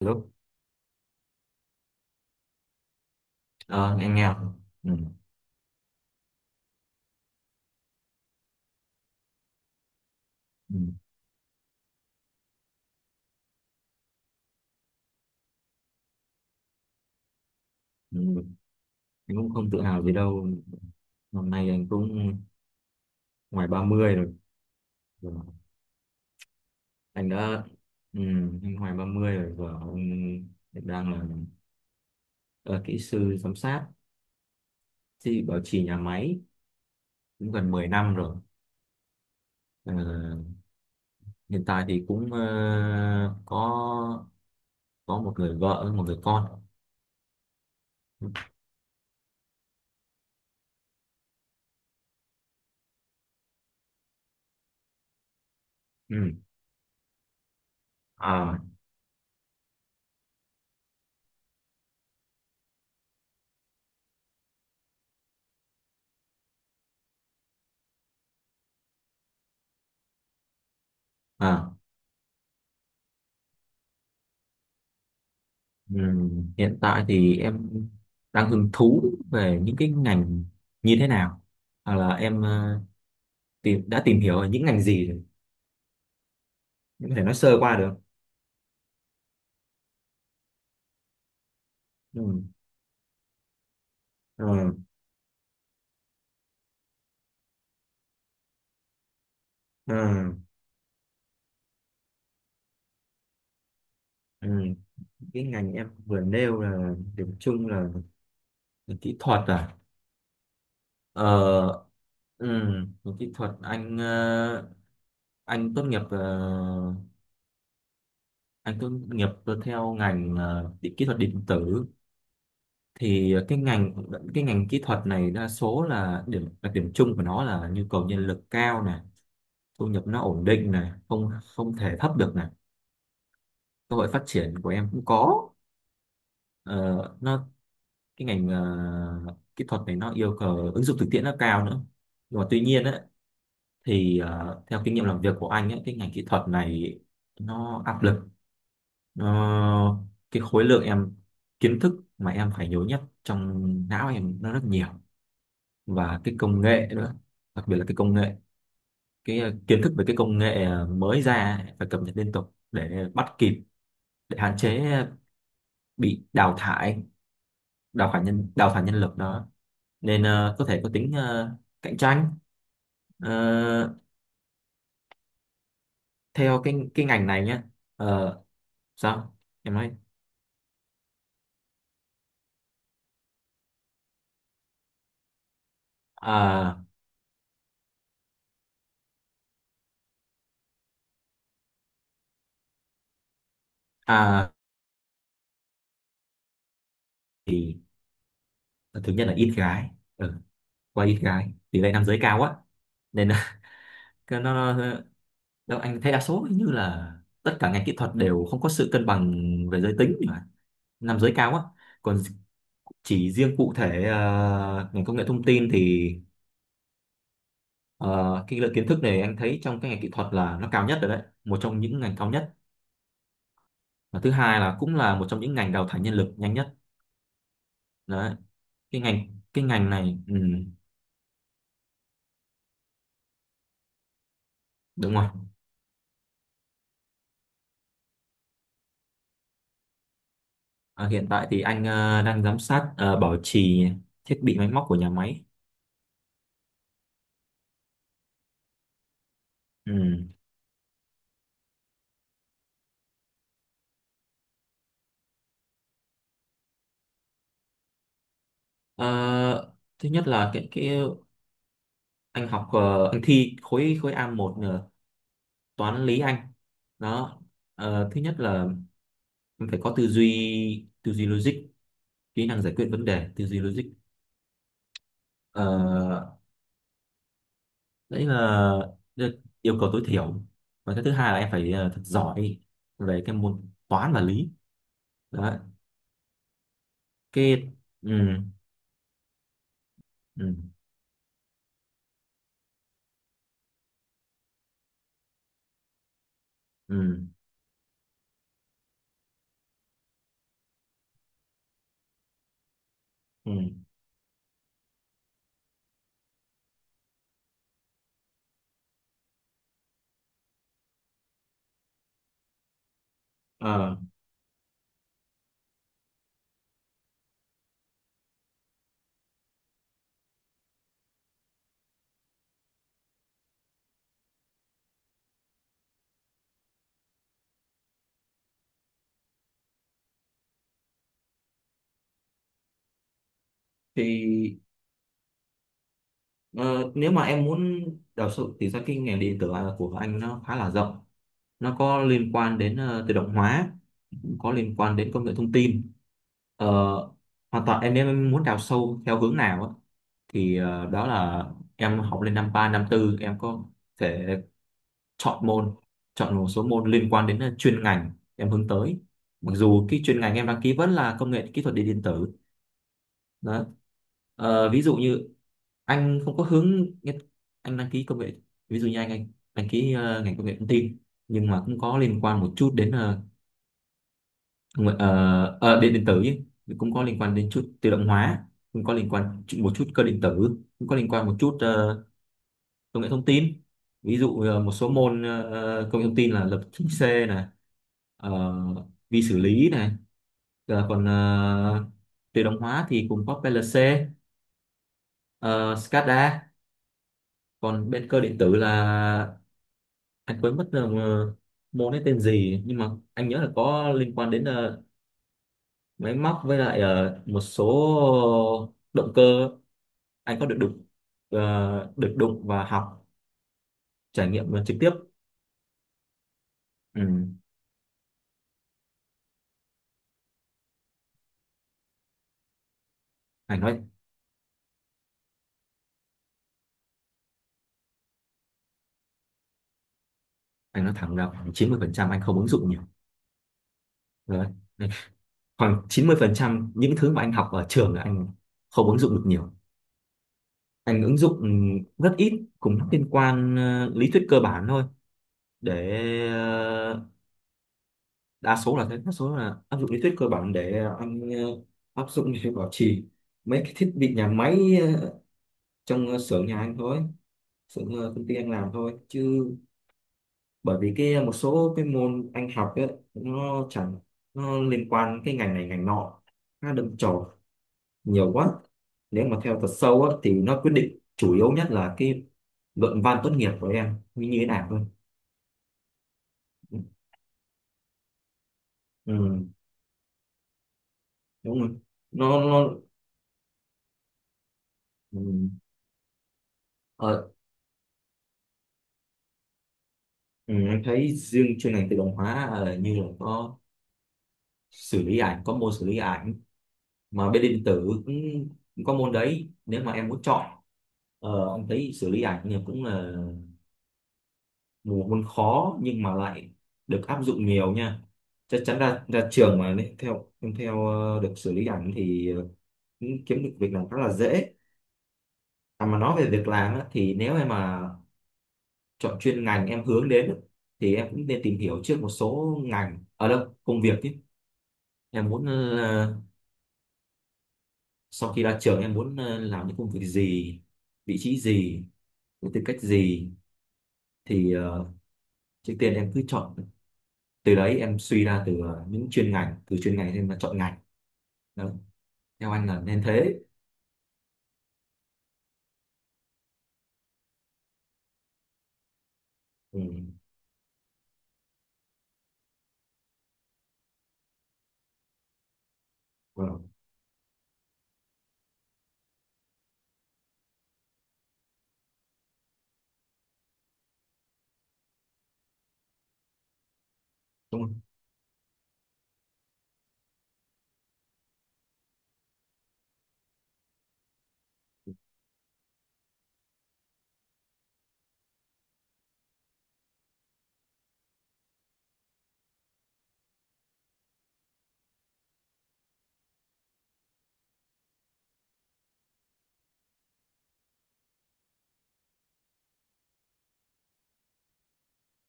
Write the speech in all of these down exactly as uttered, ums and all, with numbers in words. Lúc ờ, em nghe không? Ừ. Ừ. Ừ. Anh cũng không tự hào gì đâu. Năm nay anh cũng ngoài ba mươi rồi. Rồi. Ờ, Anh đã ừ, anh ngoài ba mươi rồi và anh hiện đang là ờ, kỹ sư giám sát thì bảo trì nhà máy cũng gần mười năm rồi. Ờ, Hiện tại thì cũng ờ, có có một người vợ, một người con. Ừ. Ừ. À, à. Ừm, hiện tại thì em đang hứng thú về những cái ngành như thế nào, hoặc là em ờ, tìm đã tìm hiểu ở những ngành gì rồi, em có thể nói sơ qua được? Ừm, ờ, ờ, ừm. Cái ngành em vừa nêu là điểm chung là về kỹ thuật à? ờ ừm, Về kỹ thuật anh ờ, anh tốt nghiệp ờ, anh tốt nghiệp theo ngành ờ, kỹ thuật điện tử. Thì ờ, cái ngành cái ngành kỹ thuật này đa số là điểm là điểm chung của nó là nhu cầu nhân lực cao này, thu nhập nó ổn định này, không không thể thấp được này, cơ hội phát triển của em cũng có. Ờ, nó cái ngành ờ, kỹ thuật này nó yêu cầu ứng dụng thực tiễn nó cao nữa, nhưng mà tuy nhiên ấy, thì ờ, theo kinh nghiệm làm việc của anh ấy, cái ngành kỹ thuật này nó áp lực. Nó cái khối lượng em kiến thức mà em phải nhớ nhất trong não em nó rất nhiều, và cái công nghệ nữa. Đặc biệt là cái công nghệ, cái ờ, kiến thức về cái công nghệ ờ, mới ra ấy, phải cập nhật liên tục để bắt kịp, để hạn chế ờ, bị đào thải, đào thải nhân đào thải nhân lực đó. Nên ờ, có thể có tính ờ, cạnh tranh. Ờ, Theo cái cái ngành này nhé. Ờ, Sao em nói? à, à thì thứ nhất là ít gái. Ừ, qua ít gái, tỷ lệ nam giới cao quá nên là cái nó, nó đâu anh thấy đa số như là tất cả ngành kỹ thuật đều không có sự cân bằng về giới tính mà, nam giới cao á. Còn chỉ riêng cụ thể ờ, ngành công nghệ thông tin thì ờ, cái lượng kiến thức này anh thấy trong cái ngành kỹ thuật là nó cao nhất rồi đấy, một trong những ngành cao nhất. Và thứ hai là cũng là một trong những ngành đào thải nhân lực nhanh nhất đấy. Cái ngành cái ngành này, ừ, đúng rồi. Ờ, Hiện tại thì anh ờ, đang giám sát ờ, bảo trì thiết bị máy móc của nhà máy. Ừ. Ờ, Thứ nhất là cái cái anh học, ờ, anh thi khối khối A một nữa, toán lý anh đó. Ờ, thứ nhất là em phải có tư duy tư duy logic, kỹ năng giải quyết vấn đề, tư duy logic. Ờ, Đấy là đ- yêu cầu tối thiểu. Và cái thứ hai là em phải ờ, thật giỏi về cái môn toán và lý đó. Cái ừ, ừ, ừ, ừ. Ờ, thì ờ, Nếu mà em muốn đào sâu thì ra cái ngành điện tử của anh nó khá là rộng, nó có liên quan đến ờ, tự động hóa, có liên quan đến công nghệ thông tin. ờ, Hoàn toàn em em muốn đào sâu theo hướng nào á, thì ờ, đó là em học lên năm ba năm bốn em có thể chọn môn, chọn một số môn liên quan đến ờ, chuyên ngành em hướng tới, mặc dù cái chuyên ngành em đăng ký vẫn là công nghệ kỹ thuật điện điện tử đó. Ờ, ví dụ như anh không có hướng, anh đăng ký công nghệ, ví dụ như anh anh đăng ký ờ, ngành công nghệ thông tin, nhưng mà cũng có liên quan một chút đến ờ, đúng rồi, ờ, ờ, điện điện tử ấy, cũng có liên quan đến chút tự động hóa, cũng có liên quan chút- một chút cơ điện tử, cũng có liên quan một chút ờ, công nghệ thông tin. Ví dụ ờ, một số môn ờ, ờ, công nghệ thông tin là lập trình C này, ờ, vi xử lý này. Ờ, còn ờ, tự động hóa thì cũng có pê lờ xê, ờ, SCADA. Còn bên cơ điện tử là anh quên mất là ờ, môn ấy tên gì, nhưng mà anh nhớ là có liên quan đến ờ, máy móc, với lại ờ, một số động cơ anh có được đụng, ờ, được đụng và học trải nghiệm nó trực tiếp. Ừ. anh nói anh nói thẳng là khoảng chín mươi phần trăm anh không ứng dụng nhiều. Rồi. Đấy, khoảng chín mươi phần trăm những thứ mà anh học ở trường là anh không ứng dụng được nhiều, anh ứng dụng rất ít, cũng liên quan ờ, lý thuyết cơ bản thôi. Để ờ, đa số là thế, đa số là áp dụng lý thuyết cơ bản để anh ờ, áp dụng để bảo trì mấy cái thiết bị nhà máy, ờ, trong ờ, xưởng nhà anh thôi, xưởng ờ, công ty anh làm thôi. Chứ bởi vì cái một số cái môn anh học ấy, nó chẳng, nó liên quan cái ngành này ngành nọ, nó đâm chồi nhiều quá. Nếu mà theo thật sâu á, thì nó quyết định chủ yếu nhất là cái luận văn tốt nghiệp của em như như thế nào thôi. Ừ, ừ, đúng rồi. Nó nó Ừ, ờ, ừ, em thấy riêng chuyên ngành tự động hóa ờ, như là có xử lý ảnh, có môn xử lý ảnh mà bên điện tử cũng, cũng có môn đấy. Nếu mà em muốn chọn, ờ, em thấy xử lý ảnh thì cũng là một môn khó nhưng mà lại được áp dụng nhiều nha. Chắc chắn ra ra trường mà nếu theo em theo ờ, được xử lý ảnh thì ờ, cũng kiếm được việc làm rất là dễ. À, mà nói về việc làm á, thì nếu em mà chọn chuyên ngành em hướng đến á, thì em cũng nên tìm hiểu trước một số ngành ở đâu công việc chứ. Em muốn ờ, sau khi ra trường em muốn ờ, làm những công việc gì, vị trí gì, với tư cách gì. Thì ờ, trước tiên em cứ chọn, từ đấy em suy ra từ ờ, những chuyên ngành, từ chuyên ngành em mà chọn ngành đó. Theo anh là nên thế. Ừ. Vâng. Đúng rồi.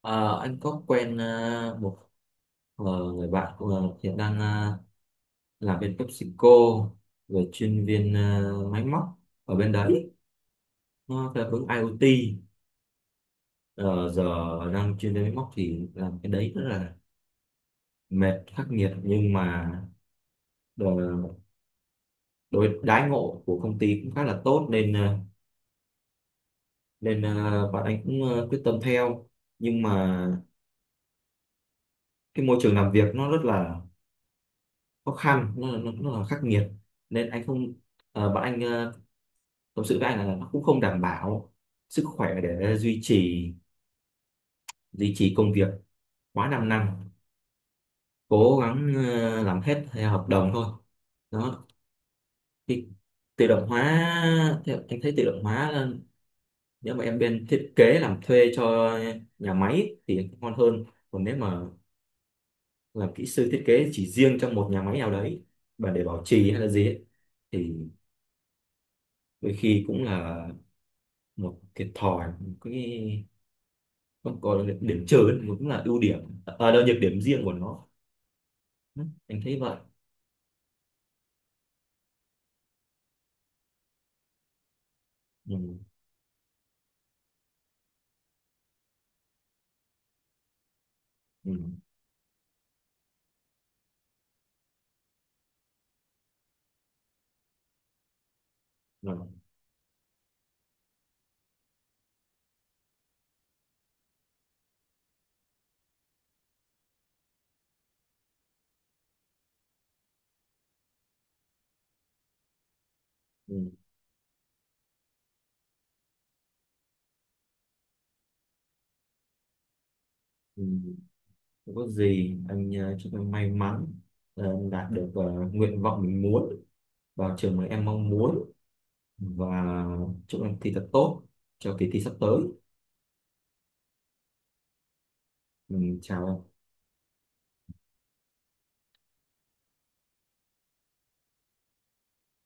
Ờ, anh có quen ờ, một ờ, người bạn ờ, hiện đang ờ, làm bên PepsiCo về chuyên viên ờ, máy móc ở bên đấy, nó theo hướng IoT. Ờ, Giờ đang chuyên viên máy móc thì làm cái đấy rất là mệt, khắc nghiệt. Nhưng mà ờ, đối đãi ngộ của công ty cũng khá là tốt nên ờ, nên à, bạn ấy cũng à, quyết tâm theo. Nhưng mà cái môi trường làm việc nó rất là khó khăn, nó, nó nó là khắc nghiệt. Nên anh không à, bạn anh à, tâm sự với anh là nó cũng không đảm bảo sức khỏe để duy trì duy trì công việc quá 5 năm, cố gắng à, làm hết theo hợp đồng thôi đó. Thì tự động hóa, theo anh thấy tự động hóa là nếu mà em bên thiết kế làm thuê cho nhà máy thì ngon hơn. Còn nếu mà làm kỹ sư thiết kế chỉ riêng trong một nhà máy nào đấy và để bảo trì hay là gì ấy, thì đôi khi cũng là một thiệt thòi, một cái không có điểm trừ ấy, cũng là ưu điểm à, đâu nhược điểm riêng của nó. Ừ, anh thấy vậy. Ừ, ừ, ừ, ừ, ừ. Không có gì. Anh ờ, chúc em may mắn, ờ, đạt được ờ, nguyện vọng mình muốn, vào trường mà em mong muốn, và chúc em thi thật tốt cho kỳ thi sắp tới. Ừ, chào em.